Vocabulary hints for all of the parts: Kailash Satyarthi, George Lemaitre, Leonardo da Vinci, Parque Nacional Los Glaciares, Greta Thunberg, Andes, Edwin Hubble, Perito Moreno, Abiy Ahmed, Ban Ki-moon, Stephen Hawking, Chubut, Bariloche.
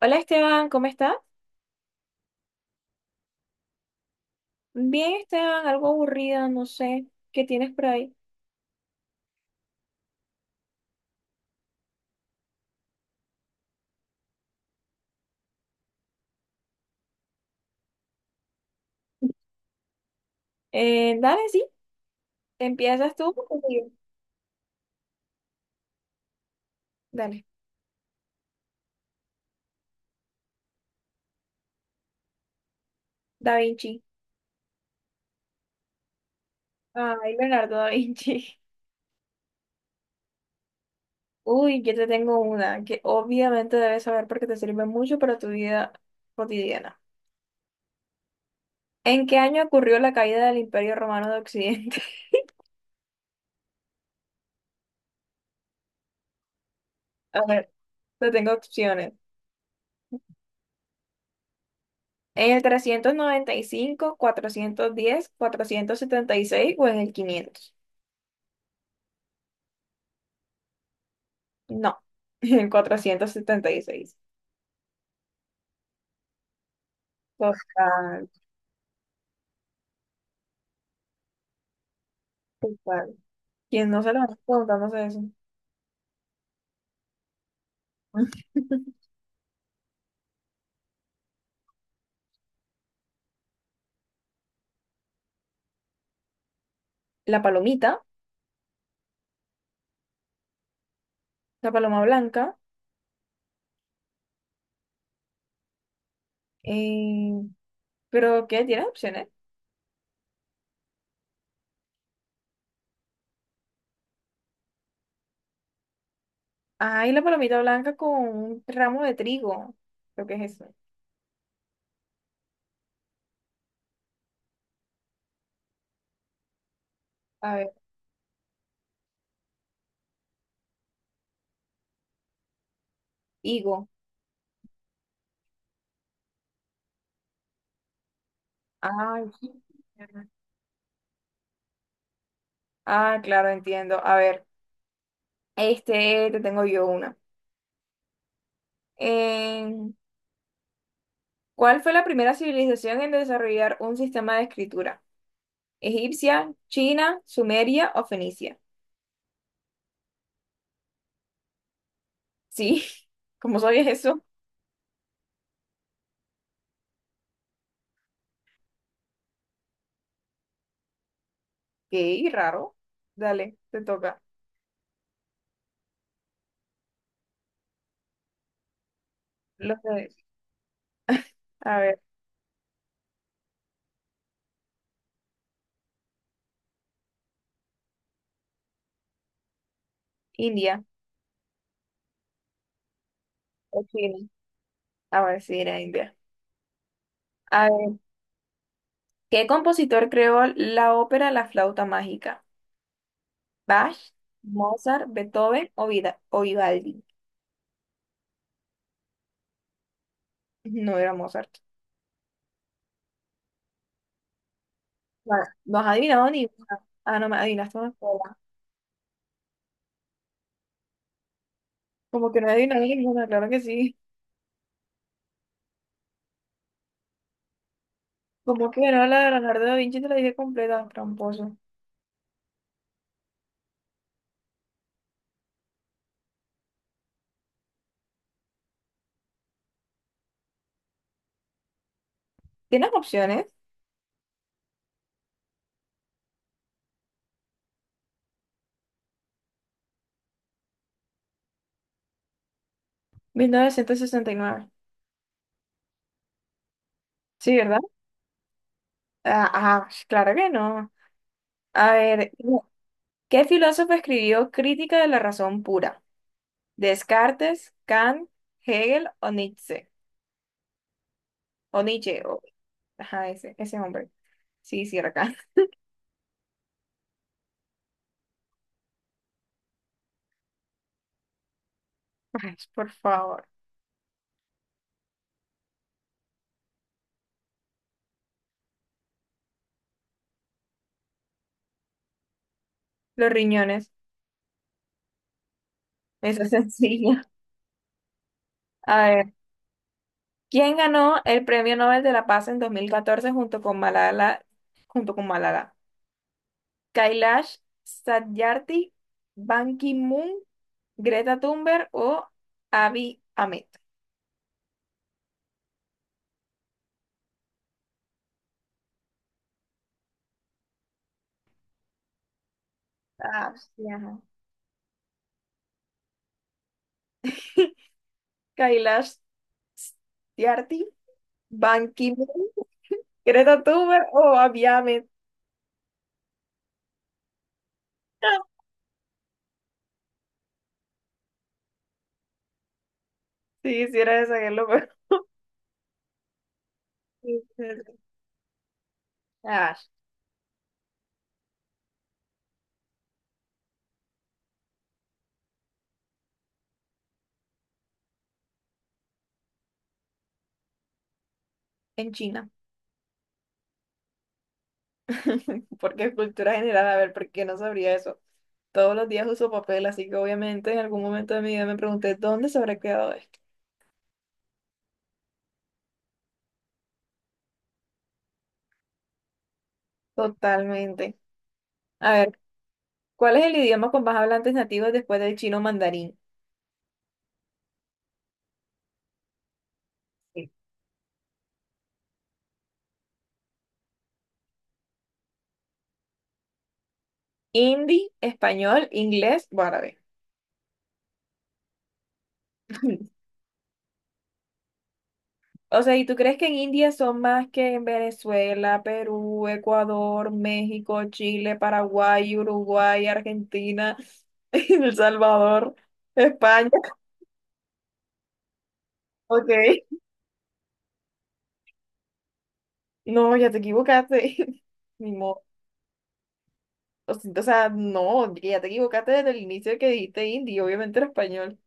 Hola Esteban, ¿cómo estás? Bien Esteban, algo aburrida, no sé qué tienes por ahí. Dale, sí, empiezas tú. Porque Dale. Da Vinci. Ay, Leonardo da Vinci. Uy, yo te tengo una que obviamente debes saber porque te sirve mucho para tu vida cotidiana. ¿En qué año ocurrió la caída del Imperio Romano de Occidente? A ver, te tengo opciones. ¿En el trescientos noventa y cinco, cuatrocientos diez, cuatrocientos setenta y seis o en el quinientos? No, en 476. Total, total. ¿Quién no se lo va preguntándose eso? La palomita, la paloma blanca. eh, ¿Pero qué? ¿Tiene opciones? Ay, la palomita blanca con un ramo de trigo. Creo que es eso. A ver, higo. Ay, ah, claro, entiendo. A ver, este te tengo yo una. Eh, ¿Cuál fue la primera civilización en desarrollar un sistema de escritura? Egipcia, China, Sumeria o Fenicia. Sí, ¿cómo sabías eso? Qué raro. Dale, te toca. Los de- a ver, India o China. A ver si era India. A ver, ¿qué compositor creó la ópera La flauta mágica? ¿Bach, Mozart, Beethoven o, Vida o Vivaldi? No era Mozart. Bueno, no has adivinado ninguna. Ah, no me adivinaste una sola. ¿Como que no he adivinado ninguna? Claro que sí. Como que no, la de Leonardo da Vinci te la dije completa, tramposo. ¿Tienes opciones? 1969. Sí, ¿verdad? Ah, ah, claro que no. A ver, no, ¿qué filósofo escribió Crítica de la razón pura? ¿Descartes, Kant, Hegel o Nietzsche? O Nietzsche, o- ajá, ese, ese hombre. Sí, sí, era Kant. Ay, por favor. Los riñones, eso es sencillo. A ver, ¿quién ganó el Premio Nobel de la Paz en 2014 junto con Malala, junto con Malala? Kailash Satyarthi, Ban Ki-moon, Greta Thunberg o Abiy Ahmed. Ah, sí, ajá. Kailash Tyagi, Ban Ki-moon, Greta Thunberg o Abiy Ahmed. Si hiciera esa, qué loco. Sí, sí, sí. Ah, en China. Porque es cultura general, a ver, ¿por qué no sabría eso? Todos los días uso papel, así que obviamente en algún momento de mi vida me pregunté dónde se habrá quedado esto. Totalmente. A ver, ¿cuál es el idioma con más hablantes nativos después del chino mandarín? Sí. Hindi, español, inglés o árabe. O sea, ¿y tú crees que en India son más que en Venezuela, Perú, Ecuador, México, Chile, Paraguay, Uruguay, Argentina, El Salvador, España? Ok. No, ya te equivocaste. Ni modo. O sea, no, que ya te equivocaste desde el inicio que dijiste indio, obviamente era español.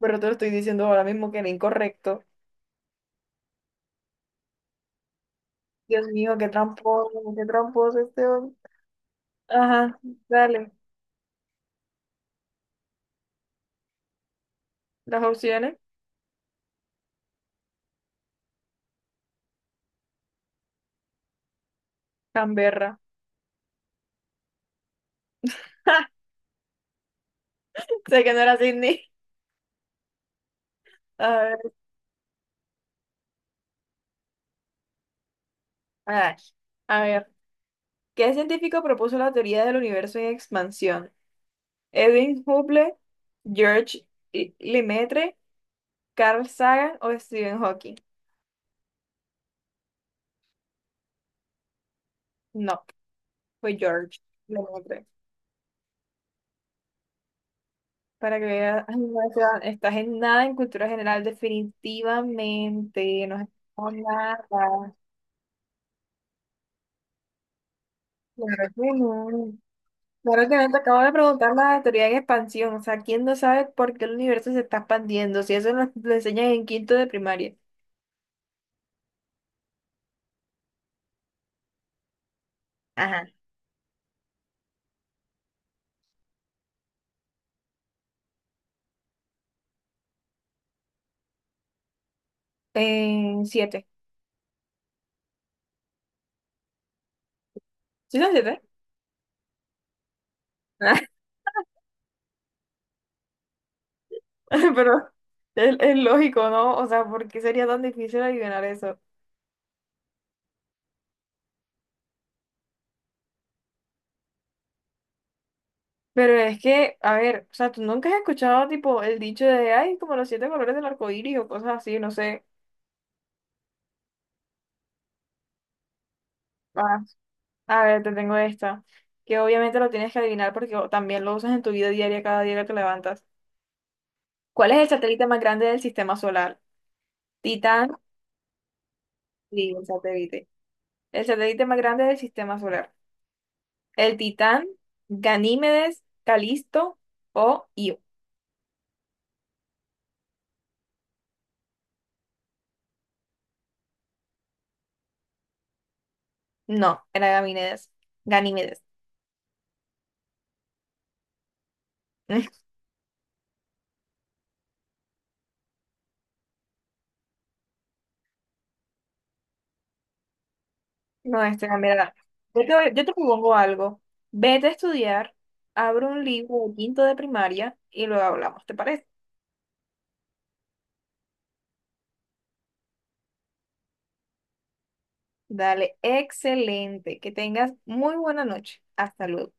Pero te lo estoy diciendo ahora mismo que era incorrecto. Dios mío, qué tramposo este hombre. Ajá, dale. Las opciones. Canberra. Sé que no era Sydney. A ver, ah, a ver, ¿qué científico propuso la teoría del universo en expansión? ¿Edwin Hubble, George Lemaitre, Carl Sagan o Stephen Hawking? No, fue George Lemaitre. Para que veas, ay, no, o sea, estás en nada en cultura general, definitivamente, no estás en nada. Claro que no. Claro que no, te acabo de preguntar la teoría en expansión, o sea, ¿quién no sabe por qué el universo se está expandiendo? Si eso nos lo enseñan en quinto de primaria. Ajá. En siete. ¿Sí son siete? Pero es lógico, ¿no? O sea, ¿por qué sería tan difícil adivinar eso? Pero es que, a ver, o sea, tú nunca has escuchado tipo el dicho de, ay, como los siete colores del arco iris o cosas así, no sé. Ah, a ver, te tengo esta, que obviamente lo tienes que adivinar porque también lo usas en tu vida diaria cada día que te levantas. ¿Cuál es el satélite más grande del sistema solar? Titán, sí, el satélite. El satélite más grande del sistema solar. El Titán, Ganímedes, Calisto o Io. No, era Ganímedes. Ganímedes. No, este era. Yo te propongo algo. Vete a estudiar, abre un libro de quinto de primaria y luego hablamos, ¿te parece? Dale, excelente. Que tengas muy buena noche. Hasta luego.